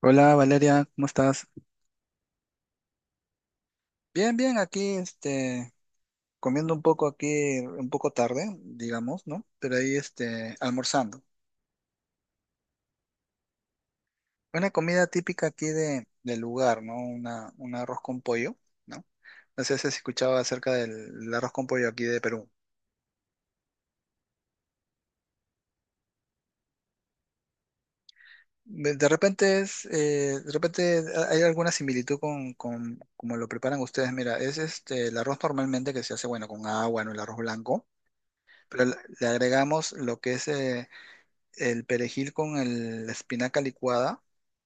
Hola Valeria, ¿cómo estás? Bien, bien, aquí comiendo un poco aquí, un poco tarde, digamos, ¿no? Pero ahí almorzando. Una comida típica aquí de, del lugar, ¿no? Una, un arroz con pollo, ¿no? No sé si has escuchado acerca del arroz con pollo aquí de Perú. De repente es, de repente hay alguna similitud con como lo preparan ustedes. Mira, es el arroz normalmente que se hace, bueno, con agua, ¿no? El arroz blanco, pero le agregamos lo que es, el perejil con el, la espinaca licuada,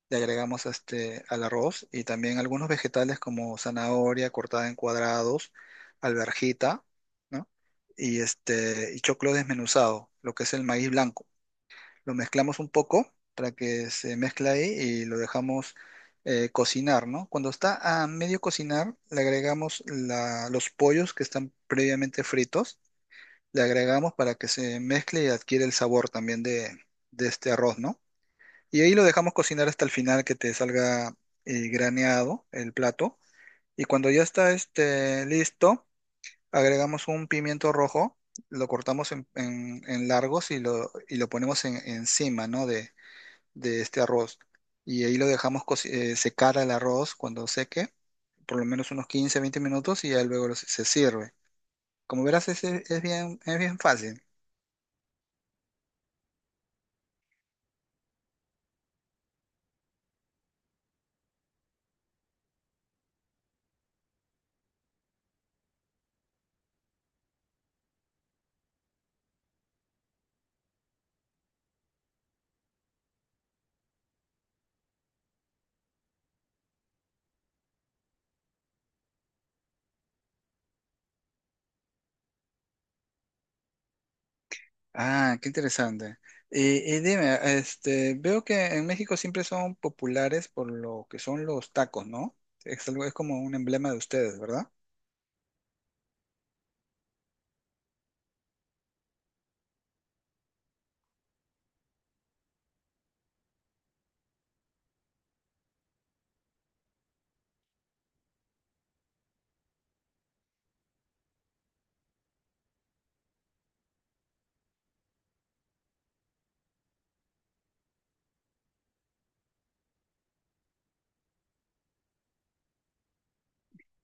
le agregamos al arroz y también algunos vegetales como zanahoria cortada en cuadrados, alverjita, ¿no? Y, y choclo desmenuzado, lo que es el maíz blanco. Lo mezclamos un poco para que se mezcle ahí y lo dejamos cocinar, ¿no? Cuando está a medio cocinar, le agregamos los pollos que están previamente fritos, le agregamos para que se mezcle y adquiere el sabor también de este arroz, ¿no? Y ahí lo dejamos cocinar hasta el final que te salga graneado el plato. Y cuando ya está listo, agregamos un pimiento rojo, lo cortamos en, en largos y lo ponemos encima, ¿no? De este arroz. Y ahí lo dejamos secar el arroz. Cuando seque, por lo menos unos 15, 20 minutos y ya luego, se sirve. Como verás, es bien fácil. Ah, qué interesante. Y dime, veo que en México siempre son populares por lo que son los tacos, ¿no? Es algo, es como un emblema de ustedes, ¿verdad?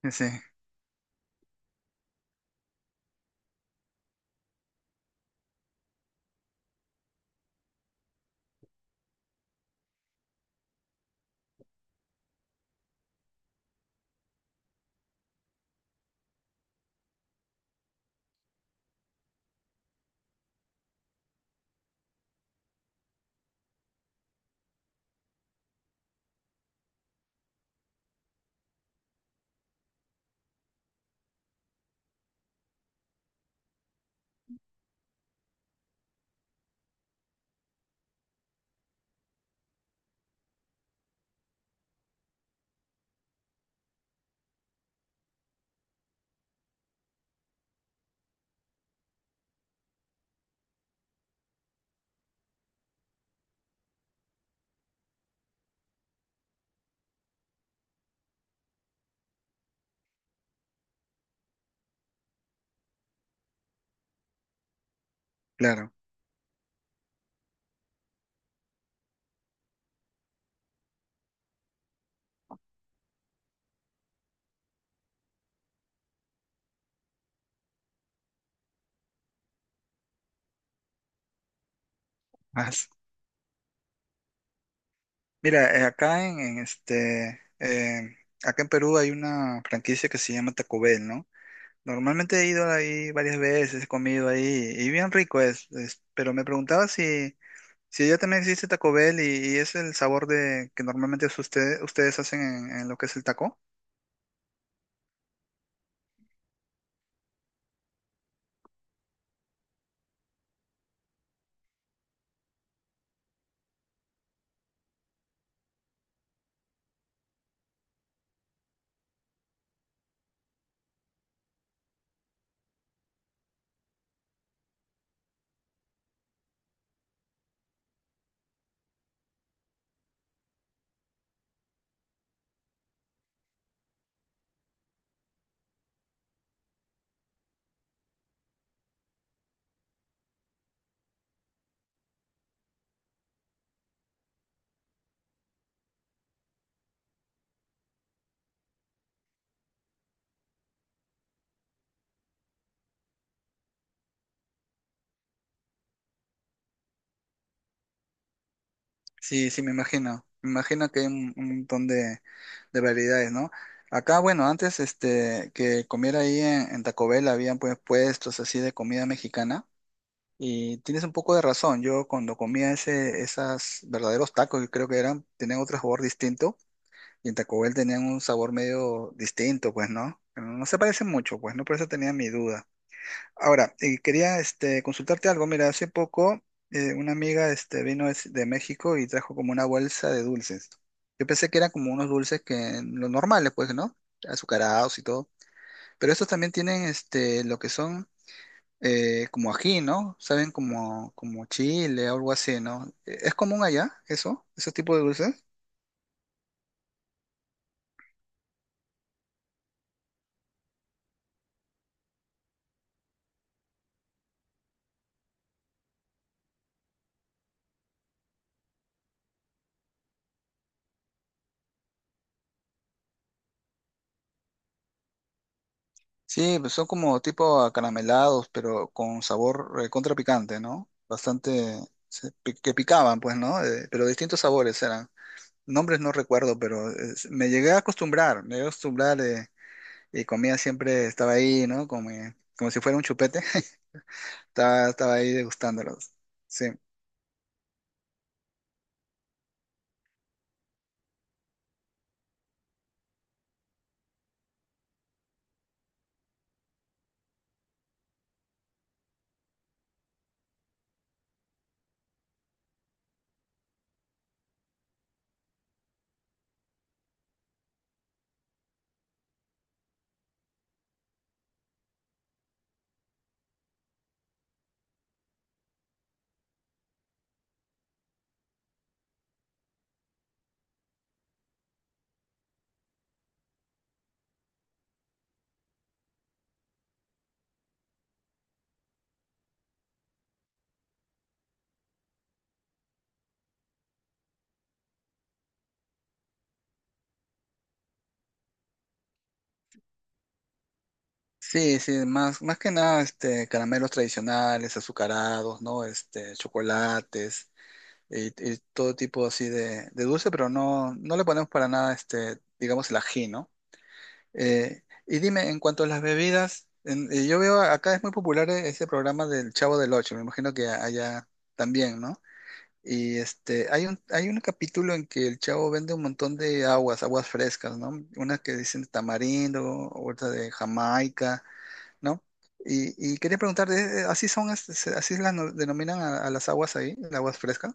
Sí, claro. Más. Mira, acá en acá en Perú hay una franquicia que se llama Taco Bell, ¿no? Normalmente he ido ahí varias veces, he comido ahí y bien rico es, pero me preguntaba si, si allá también existe Taco Bell y es el sabor de que normalmente es ustedes hacen en lo que es el taco. Sí, sí, me imagino. Me imagino que hay un montón de variedades, ¿no? Acá, bueno, antes que comiera ahí en Taco Bell habían pues puestos así de comida mexicana. Y tienes un poco de razón. Yo cuando comía ese, esas verdaderos tacos, que creo que eran, tenían otro sabor distinto. Y en Taco Bell tenían un sabor medio distinto, pues, ¿no? No se parecen mucho, pues, ¿no? Por eso tenía mi duda. Ahora, quería consultarte algo. Mira, hace poco una amiga de México y trajo como una bolsa de dulces. Yo pensé que eran como unos dulces que los normales, pues, ¿no? Azucarados y todo. Pero estos también tienen lo que son como ají, ¿no? Saben como, como chile o algo así, ¿no? ¿Es común allá eso? ¿Esos tipos de dulces? Sí, pues son como tipo acaramelados, pero con sabor contra picante, ¿no? Bastante que picaban, pues, ¿no? Pero distintos sabores eran. Nombres no recuerdo, pero me llegué a acostumbrar, me llegué a acostumbrar y comía siempre, estaba ahí, ¿no? Como, como si fuera un chupete, estaba, estaba ahí degustándolos. Sí. Sí, sí, más, más que nada, caramelos tradicionales, azucarados, ¿no? Este, chocolates. Y, y todo tipo así de dulce, pero no, no le ponemos para nada, digamos, el ají, ¿no? Y dime, en cuanto a las bebidas, yo veo acá es muy popular ese programa del Chavo del Ocho, me imagino que allá también, ¿no? Y hay un capítulo en que el chavo vende un montón de aguas, aguas frescas, ¿no? Unas que dicen tamarindo, otra de Jamaica, ¿no? Y quería preguntarte, ¿así son, así las no- denominan a las aguas ahí, las aguas frescas?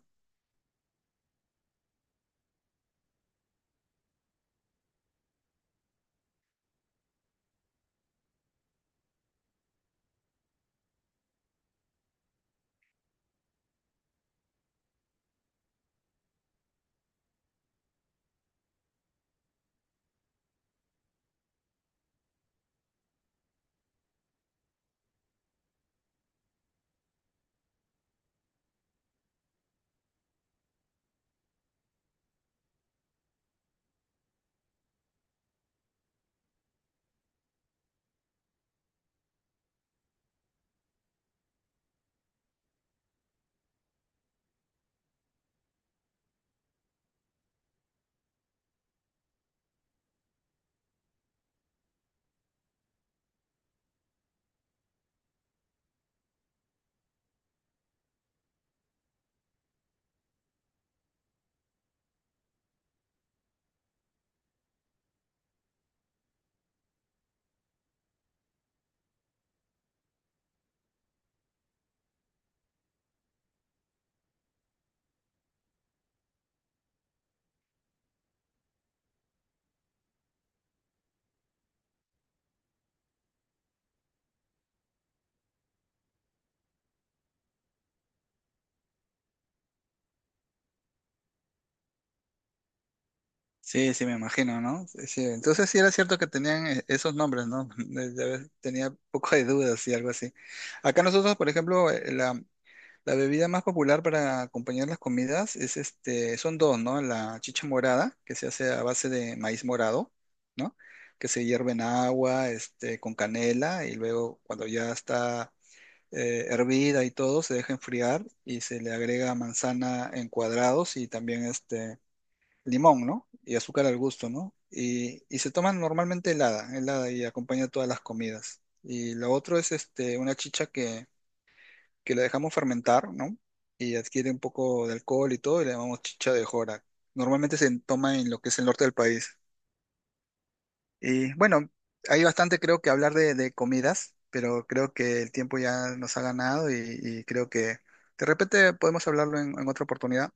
Sí, sí, me imagino, ¿no? Sí, sí. Entonces sí era cierto que tenían esos nombres, ¿no? Tenía poco de dudas y algo así. Acá nosotros, por ejemplo, la, la bebida más popular para acompañar las comidas es son dos, ¿no? La chicha morada, que se hace a base de maíz morado, ¿no? Que se hierve en agua, con canela, y luego cuando ya está hervida y todo, se deja enfriar y se le agrega manzana en cuadrados y también limón, ¿no? Y azúcar al gusto, ¿no? Y se toman normalmente helada, helada y acompaña todas las comidas. Y lo otro es una chicha que la dejamos fermentar, ¿no? Y adquiere un poco de alcohol y todo, y le llamamos chicha de jora. Normalmente se toma en lo que es el norte del país. Y bueno, hay bastante creo que hablar de comidas, pero creo que el tiempo ya nos ha ganado y creo que de repente podemos hablarlo en otra oportunidad.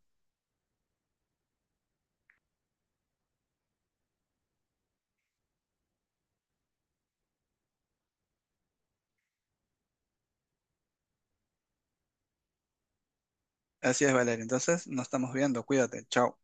Así es, Valeria. Entonces, nos estamos viendo. Cuídate. Chao.